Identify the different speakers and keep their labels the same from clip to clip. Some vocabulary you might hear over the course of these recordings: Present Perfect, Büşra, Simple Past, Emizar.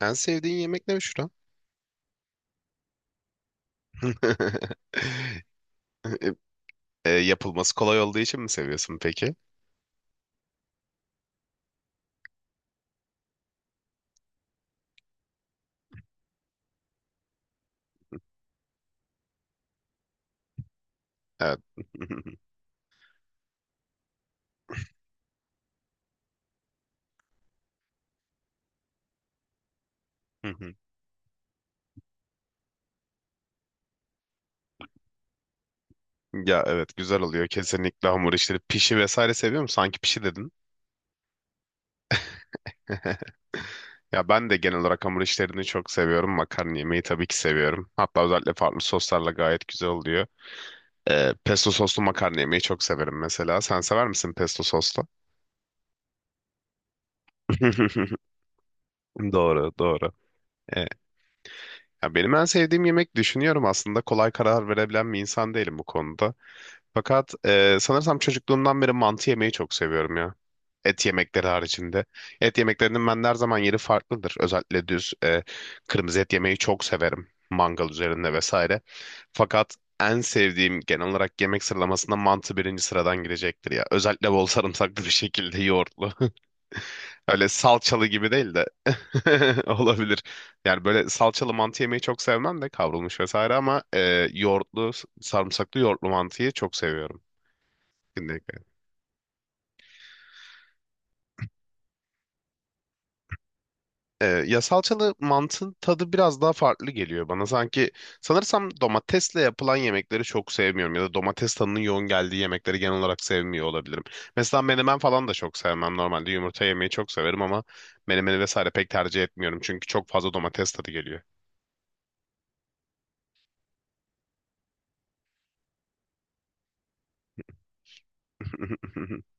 Speaker 1: En sevdiğin yemek ne Büşra? Yapılması kolay olduğu için mi seviyorsun peki? Evet. Ya evet güzel oluyor kesinlikle hamur işleri. Pişi vesaire seviyor musun? Sanki pişi dedin. Ya ben de genel olarak hamur işlerini çok seviyorum. Makarna yemeği tabii ki seviyorum. Hatta özellikle farklı soslarla gayet güzel oluyor. Pesto soslu makarna yemeği çok severim mesela. Sen sever misin pesto soslu? Doğru, doğru. Ya benim en sevdiğim yemek düşünüyorum, aslında kolay karar verebilen bir insan değilim bu konuda. Fakat sanırsam çocukluğumdan beri mantı yemeyi çok seviyorum ya. Et yemekleri haricinde. Et yemeklerinin bende her zaman yeri farklıdır. Özellikle düz kırmızı et yemeyi çok severim. Mangal üzerinde vesaire. Fakat en sevdiğim, genel olarak yemek sıralamasında mantı birinci sıradan girecektir ya. Özellikle bol sarımsaklı bir şekilde yoğurtlu. Öyle salçalı gibi değil de olabilir. Yani böyle salçalı mantı yemeyi çok sevmem de, kavrulmuş vesaire ama yoğurtlu, sarımsaklı yoğurtlu mantıyı çok seviyorum. Ya salçalı mantın tadı biraz daha farklı geliyor bana. Sanki sanırsam domatesle yapılan yemekleri çok sevmiyorum ya da domates tadının yoğun geldiği yemekleri genel olarak sevmiyor olabilirim. Mesela menemen falan da çok sevmem. Normalde yumurta yemeyi çok severim ama menemeni vesaire pek tercih etmiyorum çünkü çok fazla domates tadı geliyor.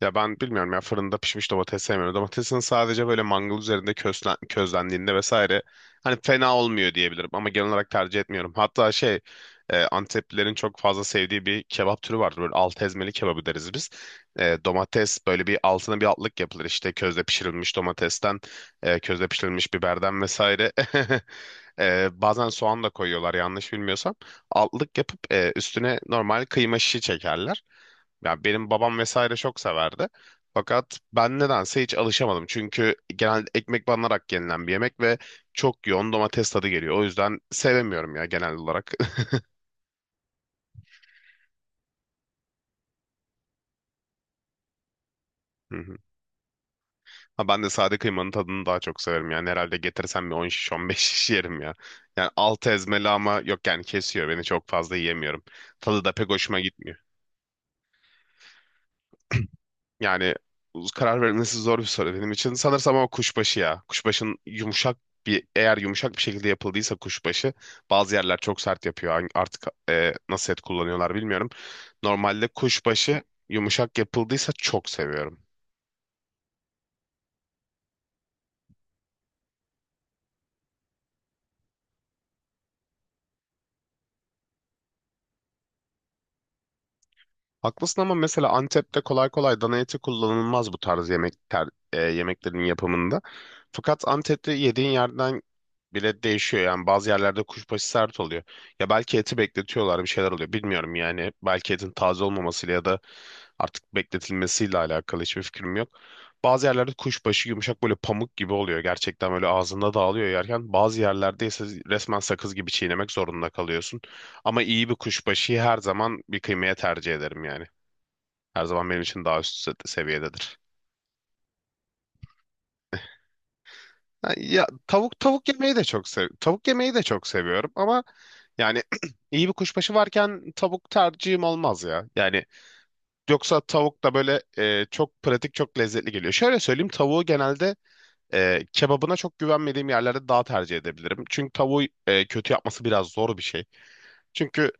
Speaker 1: Ya ben bilmiyorum ya, fırında pişmiş domates sevmiyorum. Domatesin sadece böyle mangal üzerinde közlendiğinde vesaire hani fena olmuyor diyebilirim ama genel olarak tercih etmiyorum. Hatta şey Anteplilerin çok fazla sevdiği bir kebap türü vardır. Böyle alt ezmeli kebabı deriz biz. Domates böyle bir altına bir altlık yapılır, işte közde pişirilmiş domatesten, közde pişirilmiş biberden vesaire. Bazen soğan da koyuyorlar yanlış bilmiyorsam. Altlık yapıp üstüne normal kıyma şişi çekerler. Yani benim babam vesaire çok severdi. Fakat ben nedense hiç alışamadım. Çünkü genelde ekmek banarak yenilen bir yemek ve çok yoğun domates tadı geliyor. O yüzden sevemiyorum ya genel olarak. Hı hı. Ha ben de sade kıymanın tadını daha çok severim. Yani herhalde getirsem bir 10 şiş 15 şiş yerim ya. Yani altı ezmeli, ama yok yani kesiyor beni, çok fazla yiyemiyorum. Tadı da pek hoşuma gitmiyor. Yani karar verilmesi zor bir soru benim için. Sanırsam ama kuşbaşı ya. Kuşbaşın yumuşak bir, eğer yumuşak bir şekilde yapıldıysa kuşbaşı, bazı yerler çok sert yapıyor. Artık nasıl et kullanıyorlar bilmiyorum. Normalde kuşbaşı yumuşak yapıldıysa çok seviyorum. Haklısın ama mesela Antep'te kolay kolay dana eti kullanılmaz bu tarz yemeklerin yapımında. Fakat Antep'te yediğin yerden bile değişiyor. Yani bazı yerlerde kuşbaşı sert oluyor. Ya belki eti bekletiyorlar, bir şeyler oluyor. Bilmiyorum yani. Belki etin taze olmamasıyla ya da artık bekletilmesiyle alakalı hiçbir fikrim yok. Bazı yerlerde kuşbaşı yumuşak, böyle pamuk gibi oluyor. Gerçekten böyle ağzında dağılıyor yerken. Bazı yerlerde ise resmen sakız gibi çiğnemek zorunda kalıyorsun. Ama iyi bir kuşbaşıyı her zaman bir kıymaya tercih ederim yani. Her zaman benim için daha üst seviyededir. Ha, ya tavuk yemeyi de çok seviyorum ama yani iyi bir kuşbaşı varken tavuk tercihim olmaz ya. Yani yoksa tavuk da böyle çok pratik, çok lezzetli geliyor. Şöyle söyleyeyim, tavuğu genelde kebabına çok güvenmediğim yerlerde daha tercih edebilirim. Çünkü tavuğu kötü yapması biraz zor bir şey. Çünkü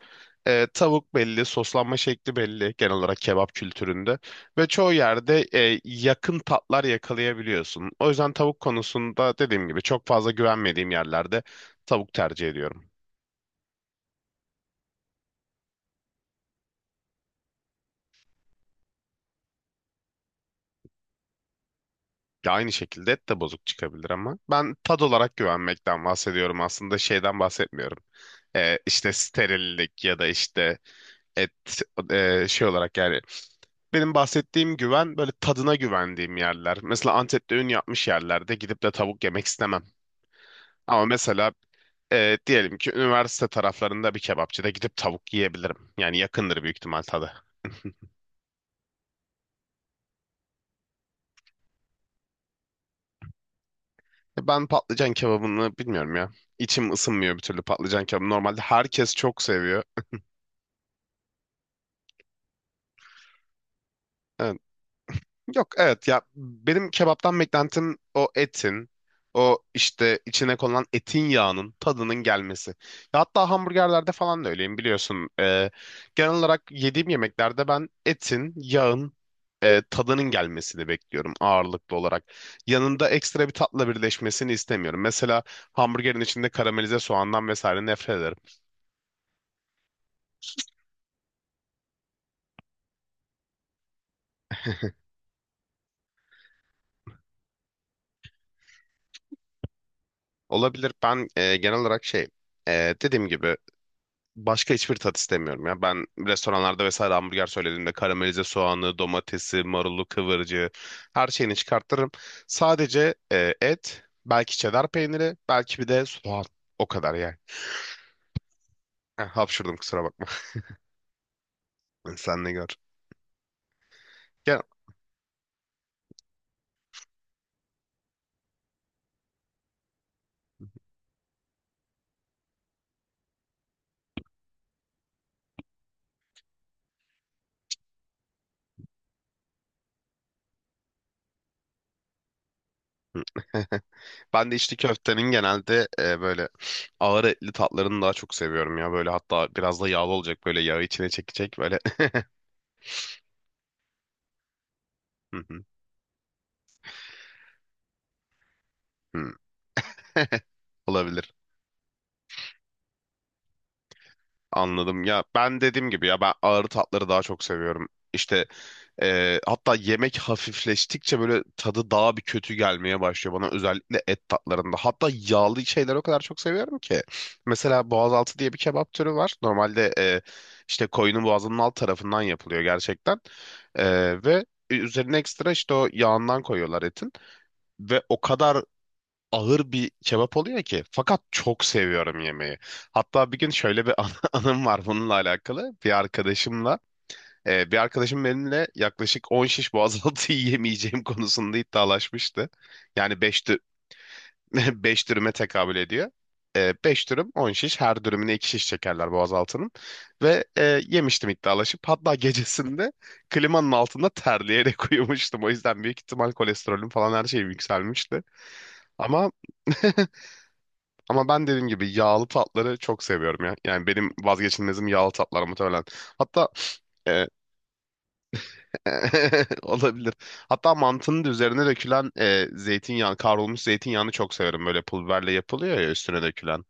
Speaker 1: Tavuk belli, soslanma şekli belli genel olarak kebap kültüründe ve çoğu yerde yakın tatlar yakalayabiliyorsun. O yüzden tavuk konusunda dediğim gibi çok fazla güvenmediğim yerlerde tavuk tercih ediyorum. Ya aynı şekilde et de bozuk çıkabilir ama ben tad olarak güvenmekten bahsediyorum aslında, şeyden bahsetmiyorum. İşte sterillik ya da işte et şey olarak yani benim bahsettiğim güven, böyle tadına güvendiğim yerler. Mesela Antep'te ün yapmış yerlerde gidip de tavuk yemek istemem. Ama mesela diyelim ki üniversite taraflarında bir kebapçıda gidip tavuk yiyebilirim. Yani yakındır büyük ihtimal tadı. Ben patlıcan kebabını bilmiyorum ya. İçim ısınmıyor bir türlü patlıcan kebabı. Normalde herkes çok seviyor. Evet. Yok evet ya, benim kebaptan beklentim o etin, o işte içine konulan etin yağının tadının gelmesi. Ya hatta hamburgerlerde falan da öyleyim biliyorsun. Genel olarak yediğim yemeklerde ben etin, yağın tadının gelmesini bekliyorum ağırlıklı olarak. Yanında ekstra bir tatla birleşmesini istemiyorum. Mesela hamburgerin içinde karamelize soğandan vesaire nefret ederim. Olabilir, ben genel olarak şey dediğim gibi başka hiçbir tat istemiyorum ya. Ben restoranlarda vesaire hamburger söylediğimde karamelize soğanı, domatesi, marulu, kıvırcığı, her şeyini çıkartırım. Sadece et, belki çedar peyniri, belki bir de soğan. O kadar yani. Heh, hapşurdum, kusura bakma. Sen ne gör. Gel. Ben de içli köftenin genelde böyle ağır etli tatlarını daha çok seviyorum ya. Böyle hatta biraz da yağlı olacak, böyle yağı içine çekecek böyle. Hı hı, hı. Olabilir. Anladım ya, ben dediğim gibi, ya ben ağır tatları daha çok seviyorum. İşte hatta yemek hafifleştikçe böyle tadı daha bir kötü gelmeye başlıyor bana, özellikle et tatlarında. Hatta yağlı şeyleri o kadar çok seviyorum ki. Mesela boğazaltı diye bir kebap türü var. Normalde işte koyunun boğazının alt tarafından yapılıyor gerçekten. Ve üzerine ekstra işte o yağından koyuyorlar etin. Ve o kadar ağır bir kebap oluyor ki. Fakat çok seviyorum yemeği. Hatta bir gün şöyle bir anım var bununla alakalı. Bir arkadaşım benimle yaklaşık 10 şiş boğazaltı yiyemeyeceğim konusunda iddialaşmıştı. Yani 5, 5 dürüme tekabül ediyor. 5 dürüm 10 şiş, her dürümüne 2 şiş çekerler boğazaltının ve yemiştim iddialaşıp, hatta gecesinde klimanın altında terleyerek uyumuştum, o yüzden büyük ihtimal kolesterolüm falan her şeyim yükselmişti ama. Ama ben dediğim gibi yağlı tatları çok seviyorum ya. Yani benim vazgeçilmezim yağlı tatlar muhtemelen. Hatta e, olabilir. Hatta mantının da üzerine dökülen zeytinyağı, kavrulmuş zeytinyağını çok severim. Böyle pul biberle yapılıyor ya üstüne dökülen.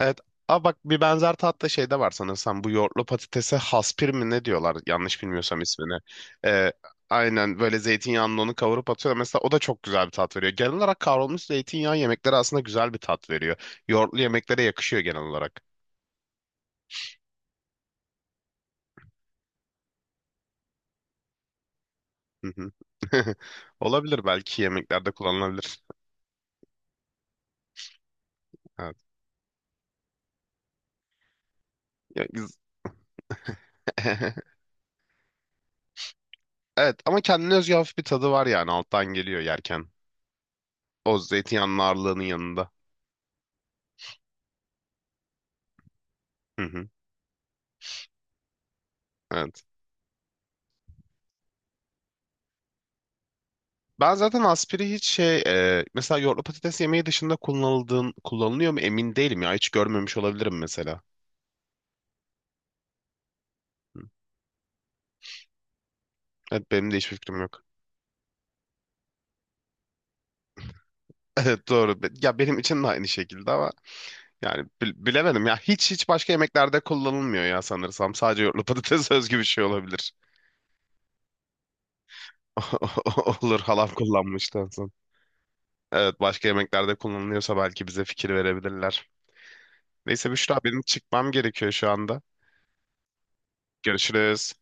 Speaker 1: Evet. Aa bak, bir benzer tatlı şey de var sanırsam. Bu yoğurtlu patatese haspir mi ne diyorlar yanlış bilmiyorsam ismini. Ee, aynen böyle zeytinyağının onu kavurup atıyor. Mesela o da çok güzel bir tat veriyor. Genel olarak kavrulmuş zeytinyağı yemeklere aslında güzel bir tat veriyor. Yoğurtlu yemeklere yakışıyor genel olarak. Hı hı. Olabilir, belki yemeklerde kullanılabilir. Evet. Ya, evet ama kendine özgü hafif bir tadı var, yani alttan geliyor yerken. O zeytinyağının ağırlığının yanında. Hı hı. Evet. Ben zaten aspiri hiç şey, mesela yoğurtlu patates yemeği dışında kullanılıyor mu emin değilim ya, hiç görmemiş olabilirim mesela. Hı. Evet, benim de hiçbir fikrim yok. Evet, doğru. Ya benim için de aynı şekilde ama yani bilemedim ya, hiç hiç başka yemeklerde kullanılmıyor ya sanırsam. Sadece yoğurtlu patates özgü bir şey olabilir. Olur, halam kullanmıştan sonra. Evet, başka yemeklerde kullanılıyorsa belki bize fikir verebilirler. Neyse Büşra, benim çıkmam gerekiyor şu anda. Görüşürüz.